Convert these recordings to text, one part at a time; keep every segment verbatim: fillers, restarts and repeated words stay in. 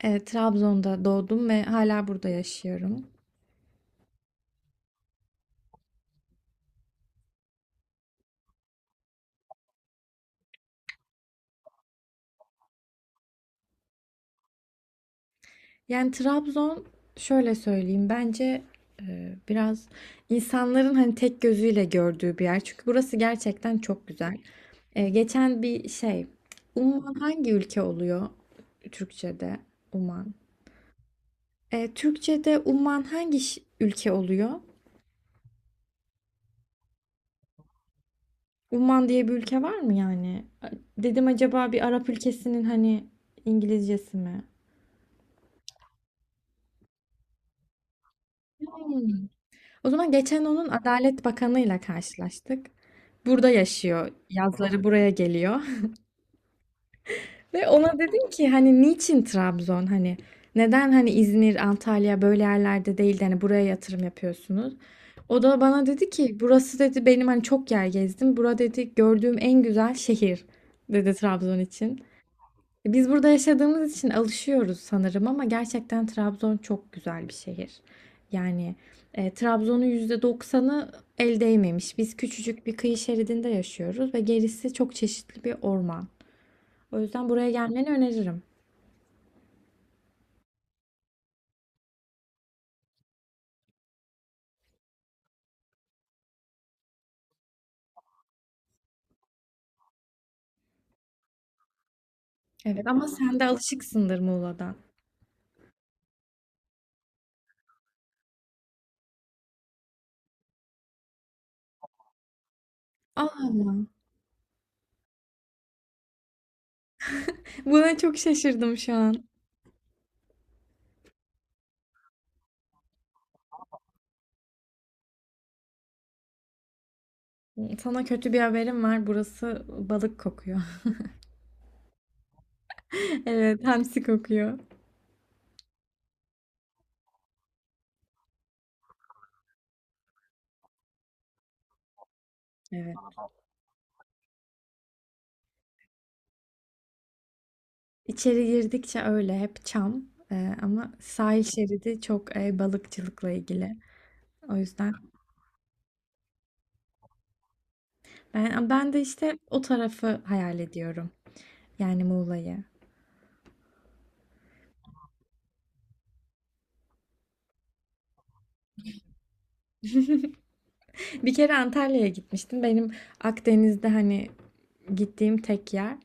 Evet, Trabzon'da doğdum ve hala burada yaşıyorum. Yani Trabzon şöyle söyleyeyim bence e, biraz insanların hani tek gözüyle gördüğü bir yer. Çünkü burası gerçekten çok güzel. E, geçen bir şey Umman hangi ülke oluyor Türkçe'de? Umman. E, Türkçe'de Umman hangi ş- ülke oluyor? Umman diye bir ülke var mı yani? Dedim acaba bir Arap ülkesinin hani İngilizcesi mi? O zaman geçen onun Adalet Bakanı'yla karşılaştık. Burada yaşıyor. Yazları buraya geliyor. Ve ona dedim ki hani niçin Trabzon? Hani neden hani İzmir, Antalya böyle yerlerde değil de hani buraya yatırım yapıyorsunuz? O da bana dedi ki burası dedi benim hani çok yer gezdim. Bura dedi gördüğüm en güzel şehir dedi Trabzon için. Biz burada yaşadığımız için alışıyoruz sanırım ama gerçekten Trabzon çok güzel bir şehir. Yani e, Trabzon'un yüzde doksanı el değmemiş. Biz küçücük bir kıyı şeridinde yaşıyoruz ve gerisi çok çeşitli bir orman. O yüzden buraya gelmeni öneririm. Evet ama sen de alışıksındır Muğla'dan. Aa, buna çok şaşırdım şu an. Sana kötü bir haberim var. Burası balık kokuyor. Evet, hamsi kokuyor. Evet. İçeri girdikçe öyle hep çam. Ee, ama sahil şeridi çok e, balıkçılıkla ilgili. O yüzden ben ben de işte o tarafı hayal ediyorum. Yani Muğla'yı. Bir kere Antalya'ya gitmiştim. Benim Akdeniz'de hani gittiğim tek yer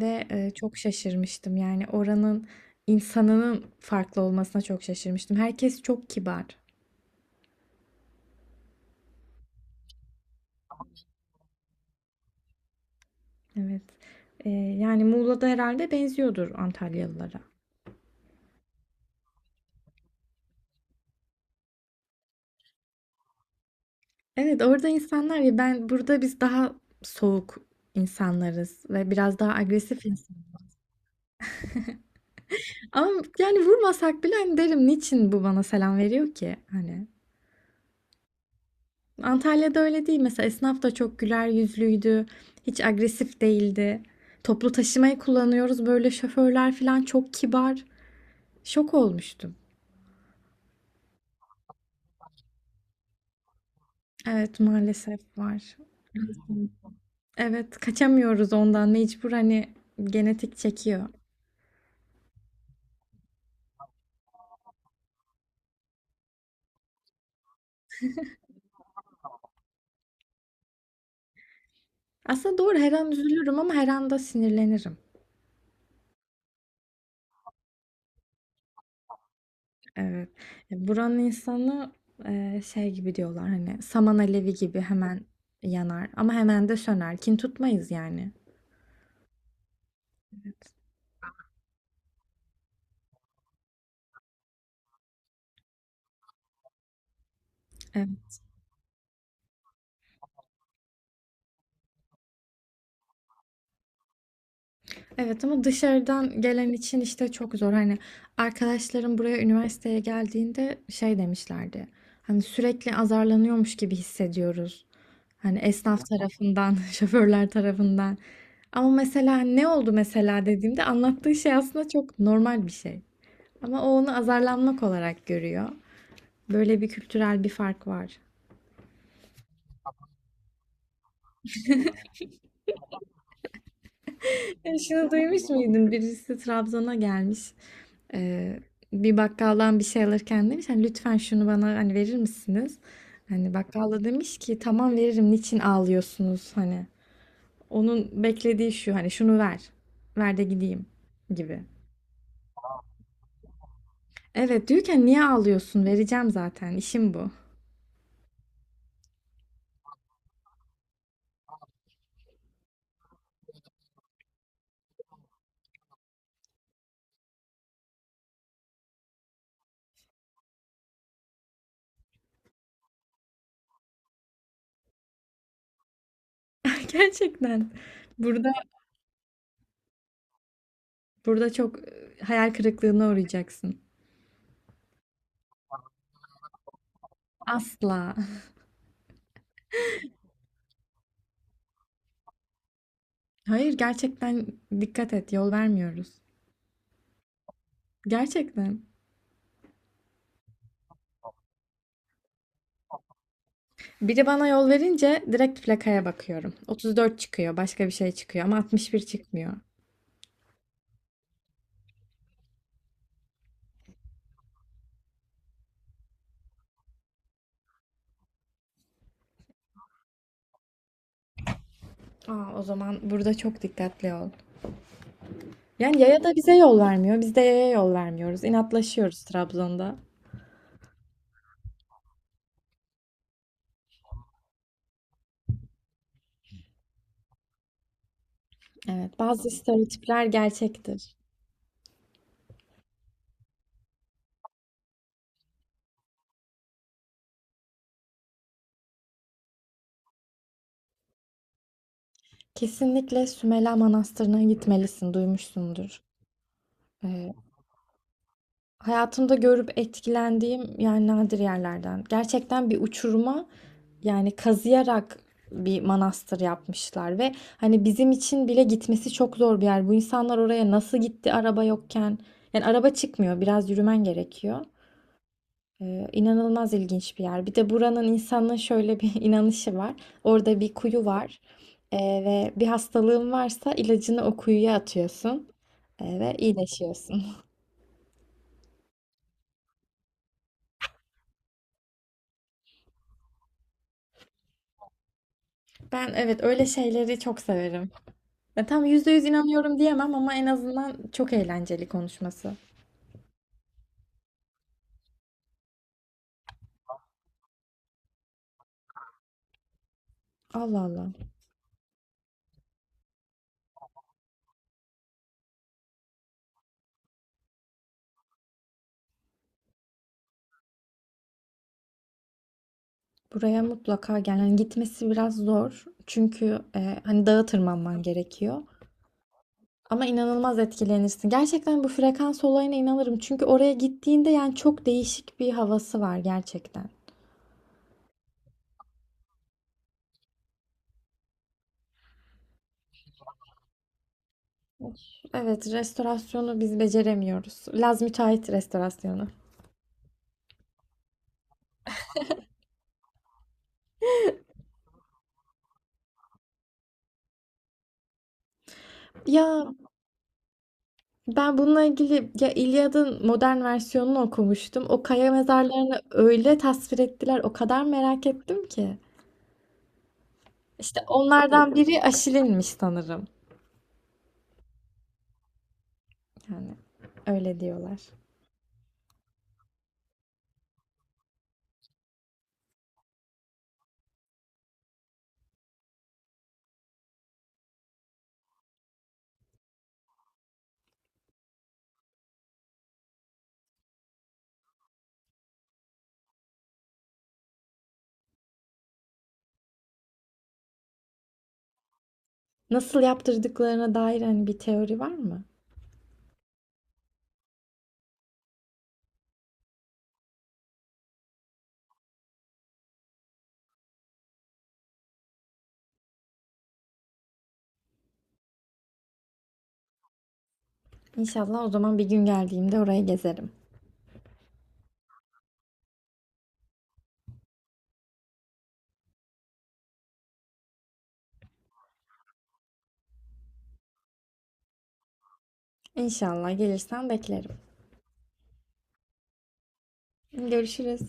ve e, çok şaşırmıştım. Yani oranın insanının farklı olmasına çok şaşırmıştım. Herkes çok kibar. Evet. Ee, yani Muğla'da herhalde benziyordur Antalyalılara. Evet, orada insanlar ya ben burada biz daha soğuk insanlarız ve biraz daha agresif insan. Ama yani vurmasak bile hani derim niçin bu bana selam veriyor ki hani. Antalya'da öyle değil. Mesela esnaf da çok güler yüzlüydü. Hiç agresif değildi. Toplu taşımayı kullanıyoruz. Böyle şoförler falan çok kibar. Şok olmuştum. Evet maalesef var. Evet kaçamıyoruz ondan mecbur hani genetik çekiyor. Aslında doğru her an üzülürüm ama her anda sinirlenirim. Evet. E, Buranın insanı e, şey gibi diyorlar hani saman alevi gibi hemen yanar ama hemen de söner. Kin tutmayız yani. Evet. Evet ama dışarıdan gelen için işte çok zor. Hani arkadaşlarım buraya üniversiteye geldiğinde şey demişlerdi. Hani sürekli azarlanıyormuş gibi hissediyoruz. Hani esnaf tarafından, şoförler tarafından. Ama mesela ne oldu mesela dediğimde anlattığı şey aslında çok normal bir şey. Ama o onu azarlanmak olarak görüyor. Böyle bir kültürel bir fark var. Ya şunu duymuş muydun? Birisi Trabzon'a gelmiş. Ee, Bir bakkaldan bir şey alırken demiş hani lütfen şunu bana hani verir misiniz? Hani bakkal da demiş ki tamam veririm niçin ağlıyorsunuz hani. Onun beklediği şu hani şunu ver. Ver de gideyim gibi. Evet diyorken niye ağlıyorsun? Vereceğim zaten. İşim bu. Gerçekten. Burada burada çok e, hayal kırıklığına uğrayacaksın. Asla. Hayır gerçekten dikkat et yol vermiyoruz. Gerçekten. Biri bana yol verince direkt plakaya bakıyorum. otuz dört çıkıyor, başka bir şey çıkıyor ama altmış bir çıkmıyor. Aa, o zaman burada çok dikkatli ol. Yani yaya da bize yol vermiyor, biz de yaya yol vermiyoruz. İnatlaşıyoruz Trabzon'da. Evet, bazı stereotipler gerçektir. Kesinlikle Sümela Manastırı'na gitmelisin, duymuşsundur. Ee, Hayatımda görüp etkilendiğim yani nadir yerlerden. Gerçekten bir uçuruma, yani kazıyarak bir manastır yapmışlar ve hani bizim için bile gitmesi çok zor bir yer. Bu insanlar oraya nasıl gitti araba yokken? Yani araba çıkmıyor, biraz yürümen gerekiyor. Ee, inanılmaz ilginç bir yer. Bir de buranın insanın şöyle bir inanışı var. Orada bir kuyu var. Ee, Ve bir hastalığın varsa ilacını o kuyuya atıyorsun. Ee, ve iyileşiyorsun. Ben evet öyle şeyleri çok severim. Ya tam yüzde yüz inanıyorum diyemem ama en azından çok eğlenceli konuşması. Allah Allah. Buraya mutlaka gel. Yani gitmesi biraz zor. Çünkü e, hani dağa tırmanman gerekiyor. Ama inanılmaz etkilenirsin. Gerçekten bu frekans olayına inanırım. Çünkü oraya gittiğinde yani çok değişik bir havası var gerçekten. Evet, restorasyonu biz beceremiyoruz. Laz müteahhit restorasyonu. Ya ben bununla ilgili ya İlyad'ın modern versiyonunu okumuştum. O kaya mezarlarını öyle tasvir ettiler. O kadar merak ettim ki. İşte onlardan biri Aşil'inmiş sanırım. Yani öyle diyorlar. Nasıl yaptırdıklarına dair hani bir teori var mı? İnşallah o zaman bir gün geldiğimde orayı gezerim. İnşallah gelirsen beklerim. Görüşürüz.